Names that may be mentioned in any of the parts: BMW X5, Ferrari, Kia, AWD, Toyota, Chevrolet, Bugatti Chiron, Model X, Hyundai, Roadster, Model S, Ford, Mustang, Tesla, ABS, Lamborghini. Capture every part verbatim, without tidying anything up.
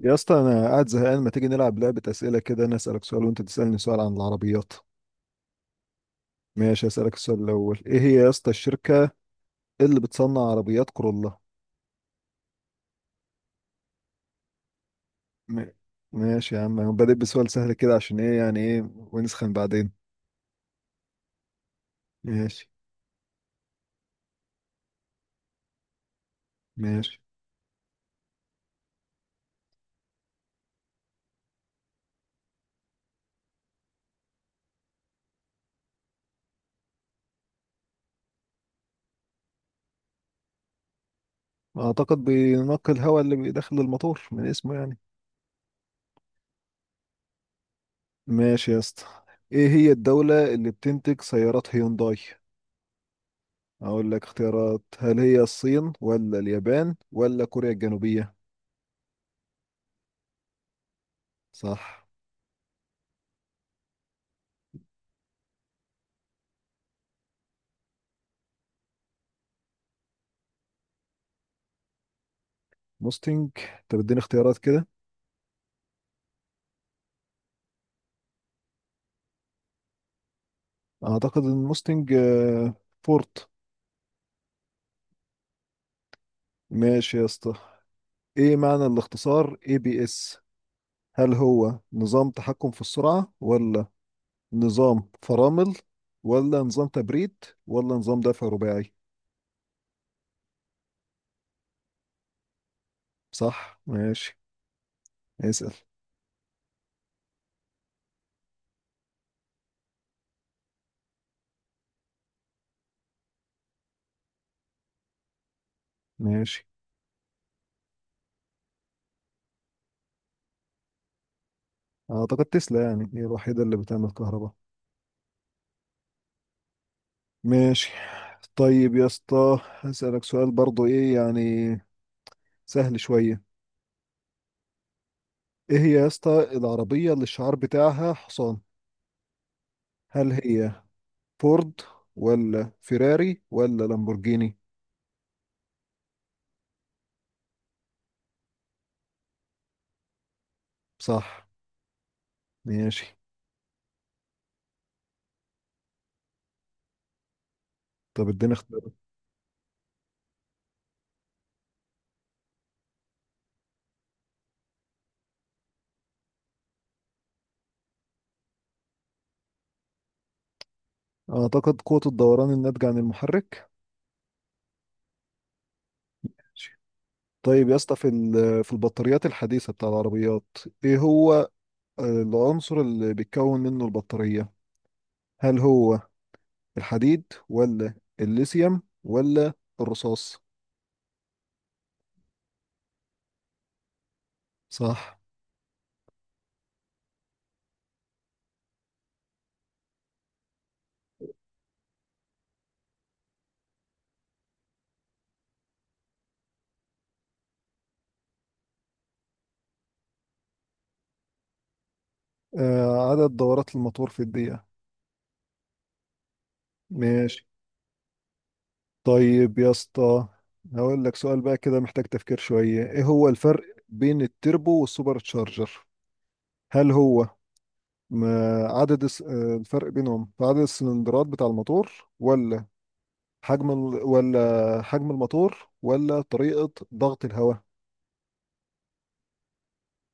يا اسطى انا قاعد زهقان، ما تيجي نلعب لعبة أسئلة كده؟ انا أسألك سؤال وانت تسألني سؤال عن العربيات. ماشي، أسألك السؤال الأول. ايه هي يا اسطى الشركة اللي بتصنع عربيات كورولا؟ م- ماشي يا عم، أنا بادئ بسؤال سهل كده عشان ايه يعني، ايه ونسخن بعدين. ماشي. ماشي، اعتقد بينقي الهواء اللي بيدخل الموتور من اسمه يعني. ماشي يا اسطى. ايه هي الدولة اللي بتنتج سيارات هيونداي؟ اقول لك اختيارات، هل هي الصين ولا اليابان ولا كوريا الجنوبية؟ صح. موستنج؟ طب اديني اختيارات كده. اعتقد ان موستنج آه، فورت. ماشي يا اسطى. ايه معنى الاختصار اي بي اس؟ هل هو نظام تحكم في السرعة ولا نظام فرامل ولا نظام تبريد ولا نظام دفع رباعي؟ صح ماشي، اسأل. ماشي، اعتقد تسلا يعني هي الوحيدة اللي بتعمل كهرباء. ماشي. طيب يا اسطى هسألك سؤال برضو ايه يعني، سهل شوية. ايه هي يا اسطى العربية اللي الشعار بتاعها حصان؟ هل هي فورد ولا فيراري ولا لامبورجيني؟ صح ماشي. طب اديني اختيار. اعتقد قوة الدوران الناتجة عن المحرك. ماشي. طيب يا اسطى، في ال- في البطاريات الحديثة بتاع العربيات، ايه هو آه، العنصر اللي بيتكون منه البطارية؟ هل هو الحديد ولا الليثيوم ولا الرصاص؟ صح. آه، عدد دورات الموتور في الدقيقة. ماشي. طيب يا اسطى هقول لك سؤال بقى كده محتاج تفكير شوية. ايه هو الفرق بين التربو والسوبر تشارجر؟ هل هو م- عدد الس- آه، الفرق بينهم في عدد السلندرات بتاع الموتور، ولا حجم ال... ولا حجم الموتور، ولا طريقة ضغط الهواء؟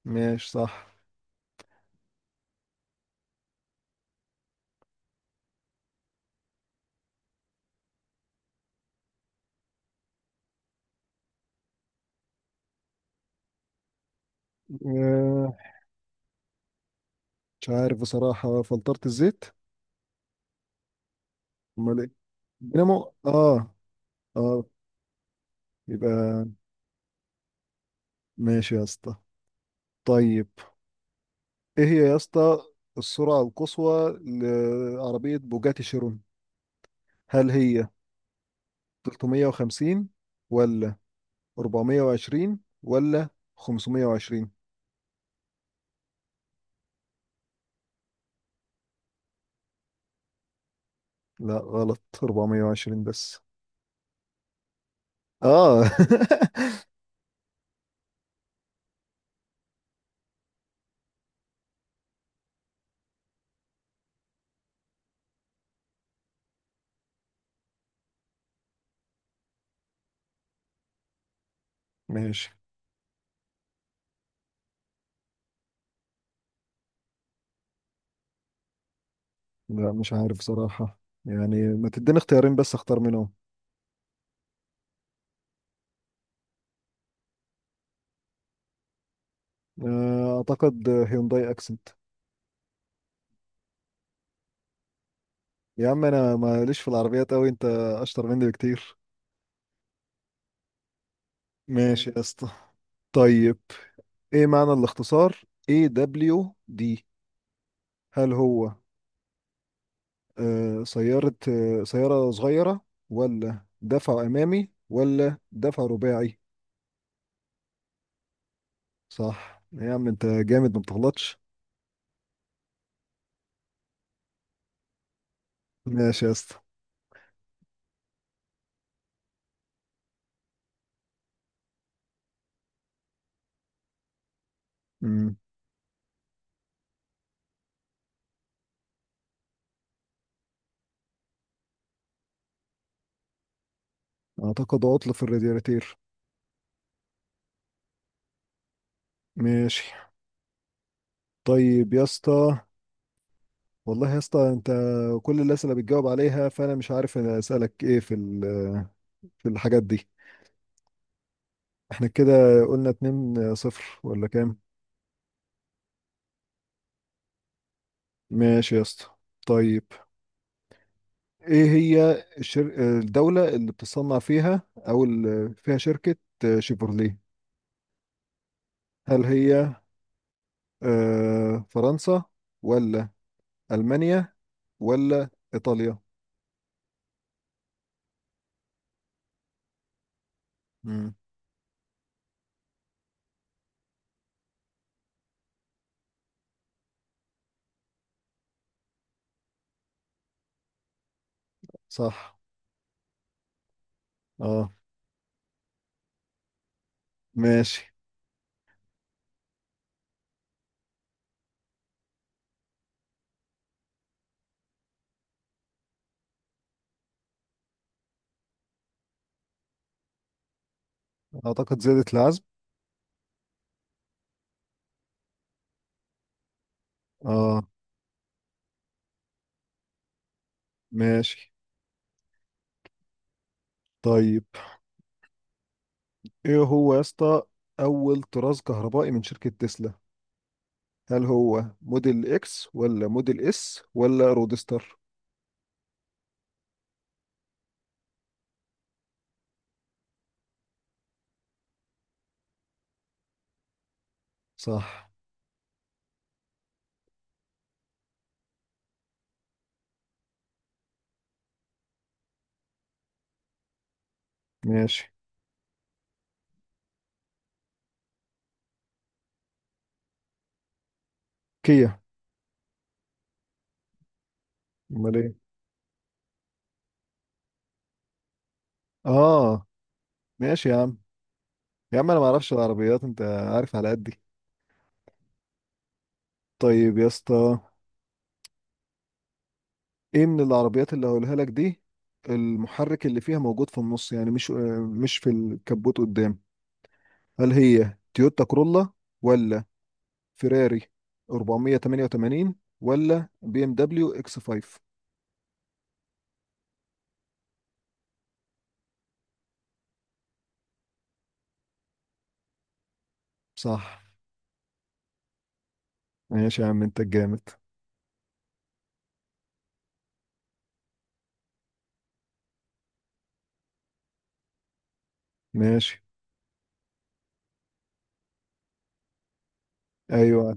ماشي صح. آه، مش عارف بصراحة، فلترة الزيت. امال ايه؟ دينامو. اه اه يبقى. ماشي يا اسطى طيب. ايه هي يا اسطى السرعة القصوى لعربية بوجاتي شيرون؟ هل هي ثلاثمائة وخمسين ولا أربع مية وعشرين ولا خمسمائة وعشرين؟ لا غلط، أربعمائة وعشرين بس. اه. ماشي. لا، مش عارف صراحة. يعني ما تديني اختيارين بس اختار منهم. آه، اعتقد هيونداي اكسنت. يا عم انا ماليش في العربيات اوي، انت اشطر مني بكتير. ماشي يا اسطى. طيب ايه معنى الاختصار اي دبليو دي؟ هل هو آه، سيارة آه، سيارة صغيرة ولا دفع أمامي ولا دفع رباعي؟ صح، يا عم أنت جامد ما بتغلطش. ماشي يا اسطى. أمم، أعتقد عطل في الرادياتير. ماشي. طيب يا اسطى، والله يا اسطى أنت كل الأسئلة بتجاوب عليها، فأنا مش عارف أنا أسألك إيه في ال- في الحاجات دي. احنا كده قلنا اتنين صفر ولا كام؟ ماشي يا اسطى. طيب ايه هي الشر... الدولة اللي بتصنع فيها او اللي فيها شركة آه، شيفروليه؟ هل هي آه، فرنسا ولا ألمانيا ولا إيطاليا؟ مم. صح. اه ماشي. اعتقد زادت العزم. اه ماشي. طيب ايه هو يا اسطى اول طراز كهربائي من شركة تسلا؟ هل هو موديل اكس ولا موديل اس ولا رودستر؟ صح ماشي. كيا. امال ايه؟ اه. ماشي يا عم. يا عم انا ما اعرفش العربيات، انت عارف على قدي. طيب يا اسطى، ايه من العربيات اللي هقولها لك دي المحرك اللي فيها موجود في النص، يعني مش مش في الكبوت قدام؟ هل هي تويوتا كرولا، ولا فيراري أربع مية وتمانية وتمانين، ولا بي ام دبليو اكس خمسة؟ صح ماشي. يا عم انت الجامد. ماشي. ايوه،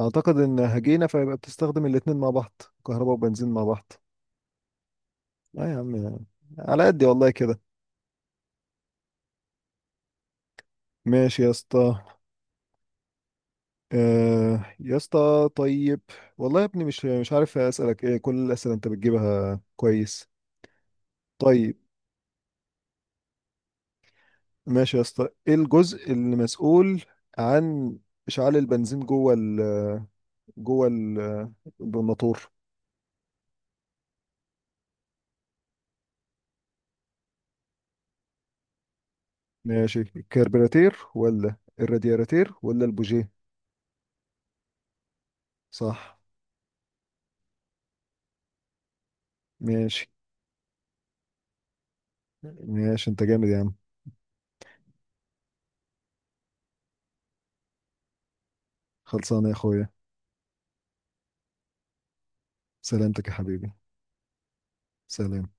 اعتقد ان هجينا فيبقى بتستخدم الاتنين مع بعض، كهرباء وبنزين مع بعض. لا يا عم، على قدي والله كده. ماشي يا اسطى. آه يا اسطى طيب، والله يا ابني مش مش عارف اسالك ايه، كل الاسئله انت بتجيبها كويس. طيب ماشي يا اسطى. ايه الجزء اللي مسؤول عن اشعال البنزين جوه ال جوه ال- الموتور؟ ماشي، الكربيراتير ولا الرادياتير ولا البوجيه؟ صح ماشي. ماشي انت جامد يا عم. خلصانه يا اخويا. سلامتك يا حبيبي. سلام.